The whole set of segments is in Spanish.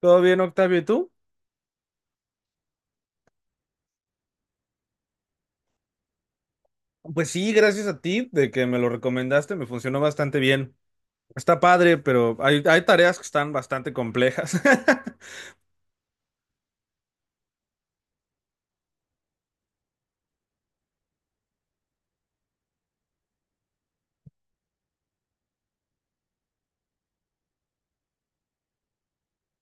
¿Todo bien, Octavio? ¿Y tú? Pues sí, gracias a ti de que me lo recomendaste, me funcionó bastante bien. Está padre, pero hay tareas que están bastante complejas.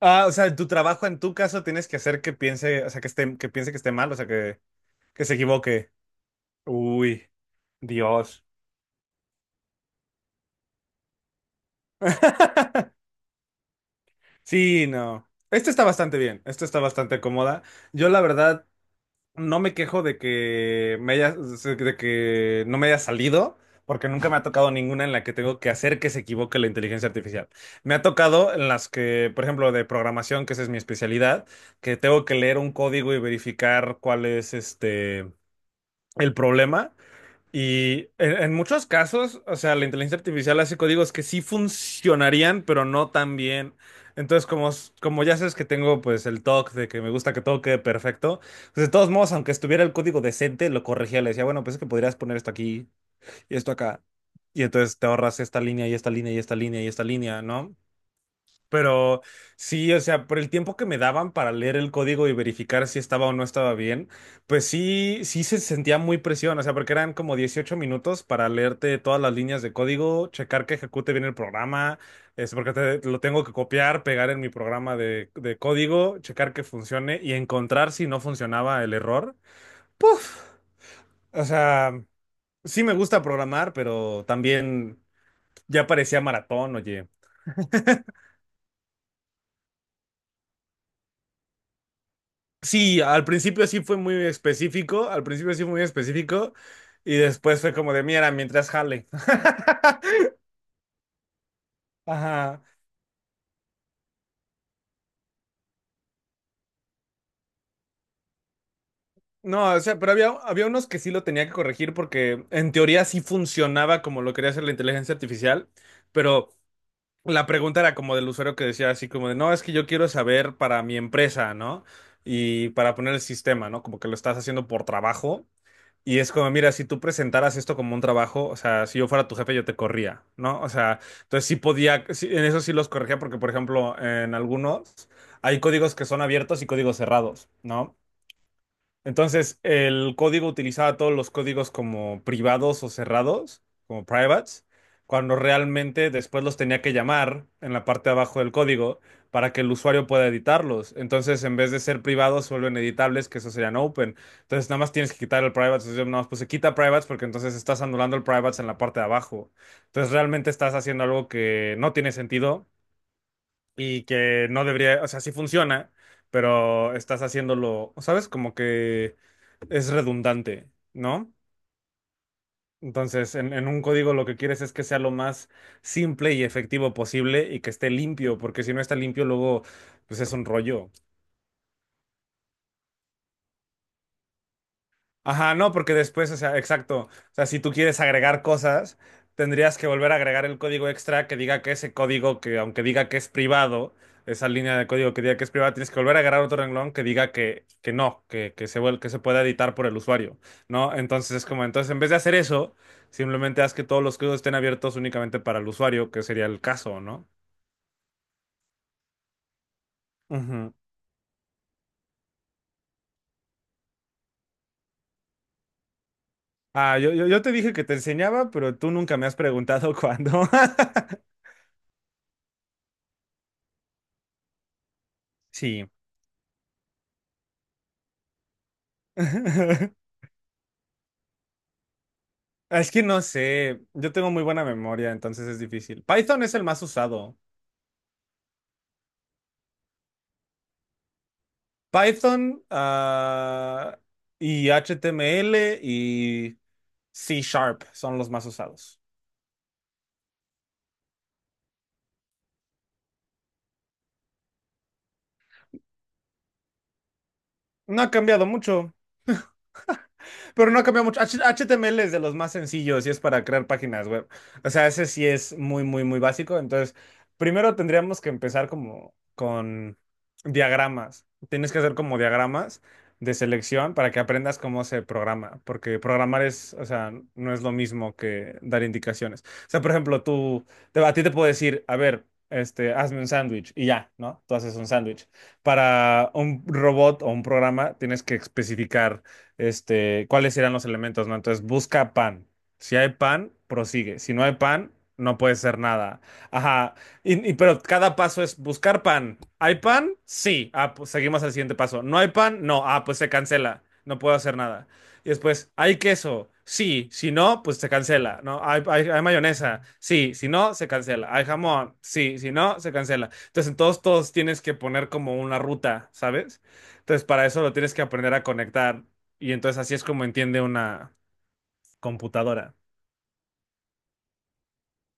Ah, o sea, en tu trabajo, en tu caso, tienes que hacer que piense, o sea, que esté, que piense que esté mal, o sea, que se equivoque. Uy, Dios. Sí, no. Este está bastante bien, este está bastante cómoda. Yo la verdad, no me quejo de que me haya, de que no me haya salido, porque nunca me ha tocado ninguna en la que tengo que hacer que se equivoque la inteligencia artificial. Me ha tocado en las que, por ejemplo, de programación, que esa es mi especialidad, que tengo que leer un código y verificar cuál es este el problema. Y en muchos casos, o sea, la inteligencia artificial hace códigos que sí funcionarían, pero no tan bien. Entonces, como, como ya sabes que tengo pues el toque de que me gusta que todo quede perfecto, pues de todos modos, aunque estuviera el código decente, lo corregía, le decía, bueno, pues es que podrías poner esto aquí y esto acá. Y entonces te ahorras esta línea y esta línea y esta línea y esta línea, ¿no? Pero sí, o sea, por el tiempo que me daban para leer el código y verificar si estaba o no estaba bien, pues sí, sí se sentía muy presión, o sea, porque eran como 18 minutos para leerte todas las líneas de código, checar que ejecute bien el programa, es porque lo tengo que copiar, pegar en mi programa de código, checar que funcione y encontrar si no funcionaba el error. Puf, o sea, sí me gusta programar, pero también ya parecía maratón, oye. Sí, al principio sí fue muy específico, al principio sí fue muy específico y después fue como de, mira, mientras jale. Ajá. No, o sea, pero había unos que sí lo tenía que corregir porque en teoría sí funcionaba como lo quería hacer la inteligencia artificial, pero la pregunta era como del usuario que decía así como de, no, es que yo quiero saber para mi empresa, ¿no? Y para poner el sistema, ¿no? Como que lo estás haciendo por trabajo. Y es como, mira, si tú presentaras esto como un trabajo, o sea, si yo fuera tu jefe, yo te corría, ¿no? O sea, entonces sí podía, sí, en eso sí los corregía, porque, por ejemplo, en algunos hay códigos que son abiertos y códigos cerrados, ¿no? Entonces, el código utilizaba todos los códigos como privados o cerrados, como privates, cuando realmente después los tenía que llamar en la parte de abajo del código para que el usuario pueda editarlos. Entonces, en vez de ser privados, se vuelven editables, que eso serían open. Entonces, nada más tienes que quitar el privates. Entonces, yo nada más puse quita privates porque entonces estás anulando el privates en la parte de abajo. Entonces, realmente estás haciendo algo que no tiene sentido y que no debería, o sea, sí funciona, pero estás haciéndolo, ¿sabes? Como que es redundante, ¿no? Entonces, en un código lo que quieres es que sea lo más simple y efectivo posible y que esté limpio, porque si no está limpio, luego, pues es un rollo. Ajá, no, porque después, o sea, exacto. O sea, si tú quieres agregar cosas, tendrías que volver a agregar el código extra que diga que ese código, que aunque diga que es privado, esa línea de código que diga que es privada, tienes que volver a agregar otro renglón que diga que no, que, que se pueda editar por el usuario, ¿no? Entonces es como, entonces en vez de hacer eso, simplemente haz que todos los códigos estén abiertos únicamente para el usuario, que sería el caso, ¿no? Ujú. Ah, yo te dije que te enseñaba, pero tú nunca me has preguntado cuándo. Sí. Ah, es que no sé, yo tengo muy buena memoria, entonces es difícil. Python es el más usado. Python, ah, y HTML y C# son los más usados. No ha cambiado mucho. Pero no ha cambiado mucho. HTML es de los más sencillos y es para crear páginas web. O sea, ese sí es muy, muy, muy básico. Entonces, primero tendríamos que empezar como con diagramas. Tienes que hacer como diagramas de selección para que aprendas cómo se programa. Porque programar es, o sea, no es lo mismo que dar indicaciones. O sea, por ejemplo, tú, a ti te puedo decir, a ver, este, hazme un sándwich y ya, ¿no? Tú haces un sándwich. Para un robot o un programa tienes que especificar este, cuáles eran los elementos, ¿no? Entonces busca pan. Si hay pan, prosigue. Si no hay pan, no puede ser nada. Ajá. Pero cada paso es buscar pan. ¿Hay pan? Sí. Ah, pues seguimos al siguiente paso. ¿No hay pan? No. Ah, pues se cancela. No puedo hacer nada. Y después, ¿hay queso? Sí. Si no, pues se cancela. ¿No? ¿Hay mayonesa? Sí. Si no, se cancela. ¿Hay jamón? Sí. Si no, se cancela. Entonces, en todos tienes que poner como una ruta, ¿sabes? Entonces, para eso lo tienes que aprender a conectar. Y entonces así es como entiende una computadora.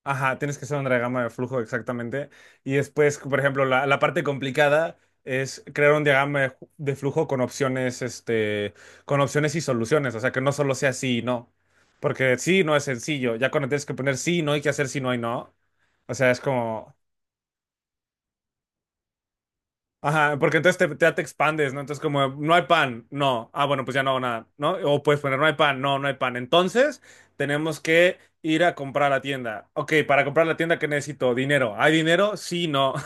Ajá, tienes que hacer un diagrama de flujo exactamente. Y después, por ejemplo, la parte complicada es crear un diagrama de, de flujo con opciones, este, con opciones y soluciones. O sea, que no solo sea sí y no. Porque sí no es sencillo. Ya cuando tienes que poner sí y no hay que hacer sí no y no. O sea, es como, ajá, porque entonces te, ya te expandes, ¿no? Entonces como, no hay pan, no. Ah, bueno, pues ya no hago nada, ¿no? O puedes poner, no hay pan, no, no hay pan. Entonces tenemos que ir a comprar a la tienda. Ok, para comprar la tienda, ¿qué necesito? Dinero. ¿Hay dinero? Sí, no.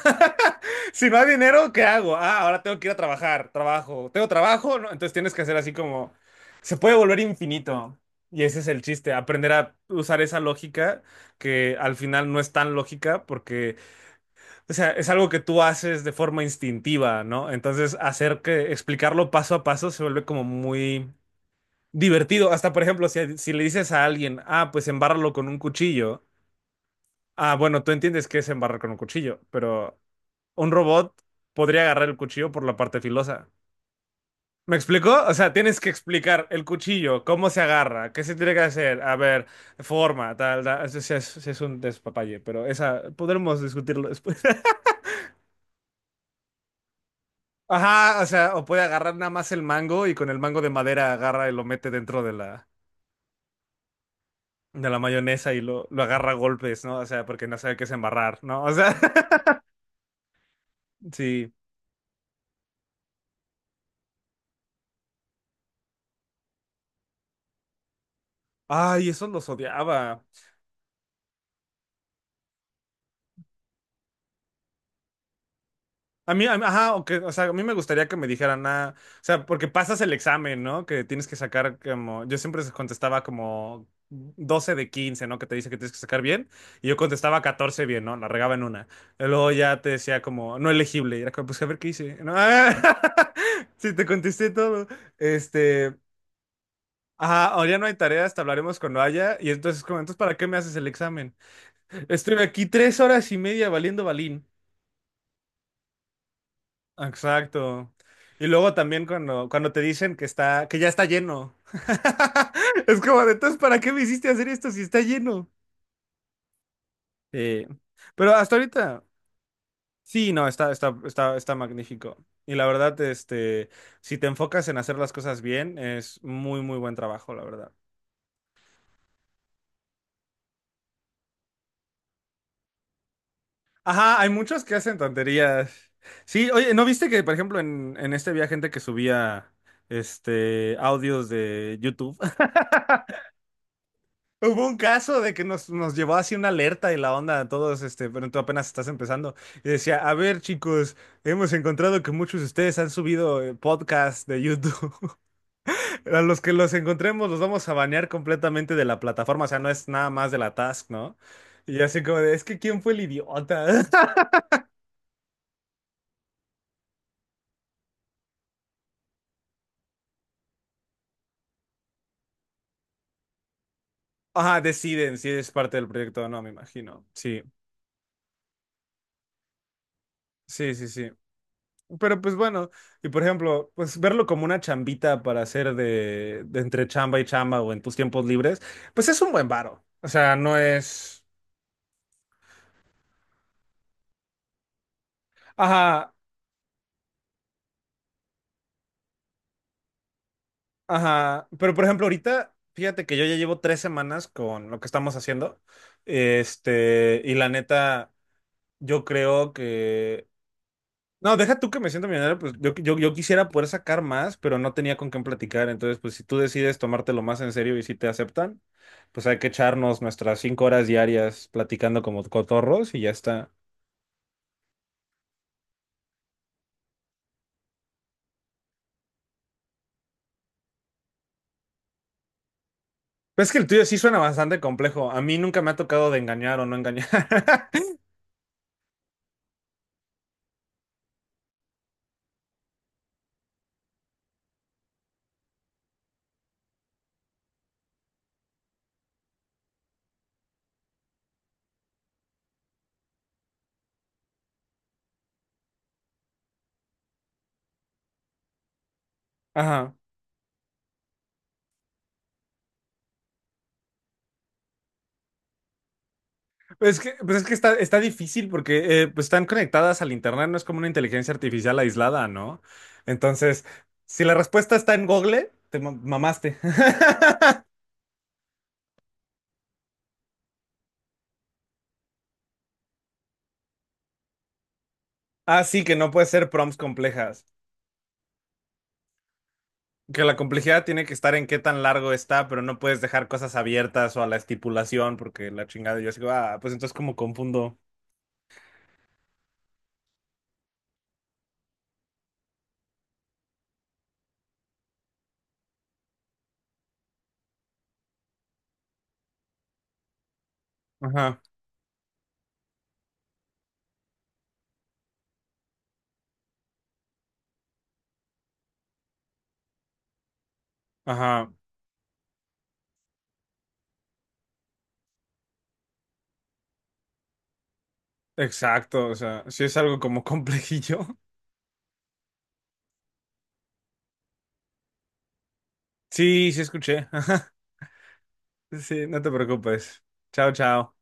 Si no hay dinero, ¿qué hago? Ah, ahora tengo que ir a trabajar, trabajo. ¿Tengo trabajo? No, entonces tienes que hacer así como, se puede volver infinito. Y ese es el chiste, aprender a usar esa lógica que al final no es tan lógica porque o sea, es algo que tú haces de forma instintiva, ¿no? Entonces, hacer que explicarlo paso a paso se vuelve como muy divertido. Hasta, por ejemplo, si le dices a alguien, ah, pues embárralo con un cuchillo. Ah, bueno, tú entiendes qué es embarrar con un cuchillo, pero un robot podría agarrar el cuchillo por la parte filosa. ¿Me explicó? O sea, tienes que explicar el cuchillo, cómo se agarra, qué se tiene que hacer, a ver, forma, tal, tal. Sí es un despapalle, pero esa podremos discutirlo después. Ajá, o sea, o puede agarrar nada más el mango y con el mango de madera agarra y lo mete dentro de de la mayonesa y lo agarra a golpes, ¿no? O sea, porque no sabe qué es embarrar, ¿no? O sea, sí. Ay, esos los odiaba. A mí, a ajá, aunque, o sea, a mí me gustaría que me dijeran, nada, o sea, porque pasas el examen, ¿no? Que tienes que sacar como, yo siempre contestaba como 12 de 15 ¿no? Que te dice que tienes que sacar bien, y yo contestaba 14 bien, ¿no? La regaba en una. Y luego ya te decía como, no elegible, y era como, pues a ver qué hice, ¿no? Sí, te contesté todo. Este, ajá, ahora ya no hay tareas, te hablaremos cuando haya, y entonces, como, entonces, ¿para qué me haces el examen? Estuve aquí 3 horas y media valiendo balín. Exacto. Y luego también cuando, cuando te dicen que está, que ya está lleno. Es como, entonces, ¿para qué me hiciste hacer esto si está lleno? Eh, pero hasta ahorita, sí, no, está magnífico. Y la verdad, este, si te enfocas en hacer las cosas bien, es muy, muy buen trabajo, la verdad. Ajá, hay muchos que hacen tonterías. Sí, oye, ¿no viste que, por ejemplo, en este había gente que subía, este, audios de YouTube? Hubo un caso de que nos llevó así una alerta y la onda a todos, este, pero tú apenas estás empezando. Y decía, a ver, chicos, hemos encontrado que muchos de ustedes han subido podcasts de YouTube. A los que los encontremos los vamos a banear completamente de la plataforma. O sea, no es nada más de la task, ¿no? Y así como de, es que ¿quién fue el idiota? Ajá, deciden si es parte del proyecto o no, me imagino. Sí, sí. Pero pues bueno, y por ejemplo, pues verlo como una chambita para hacer de entre chamba y chamba o en tus tiempos libres, pues es un buen varo. O sea, no es... Ajá, ajá. Pero por ejemplo, ahorita, fíjate que yo ya llevo 3 semanas con lo que estamos haciendo. Este, y la neta, yo creo que no, deja tú que me siento millonario, pues yo quisiera poder sacar más, pero no tenía con quién platicar. Entonces, pues si tú decides tomártelo más en serio y si te aceptan, pues hay que echarnos nuestras 5 horas diarias platicando como cotorros y ya está. Pero es que el tuyo sí suena bastante complejo. A mí nunca me ha tocado de engañar o no engañar. Ajá. Pues es que está difícil porque pues están conectadas al internet, no es como una inteligencia artificial aislada, ¿no? Entonces, si la respuesta está en Google, te mamaste. Ah, sí, que no puede ser prompts complejas. Que la complejidad tiene que estar en qué tan largo está, pero no puedes dejar cosas abiertas o a la estipulación, porque la chingada yo digo, ah, pues entonces como confundo. Ajá, ajá, exacto. O sea, sí es algo como complejillo. Sí, sí escuché. Ajá. Sí, no te preocupes. Chao, chao.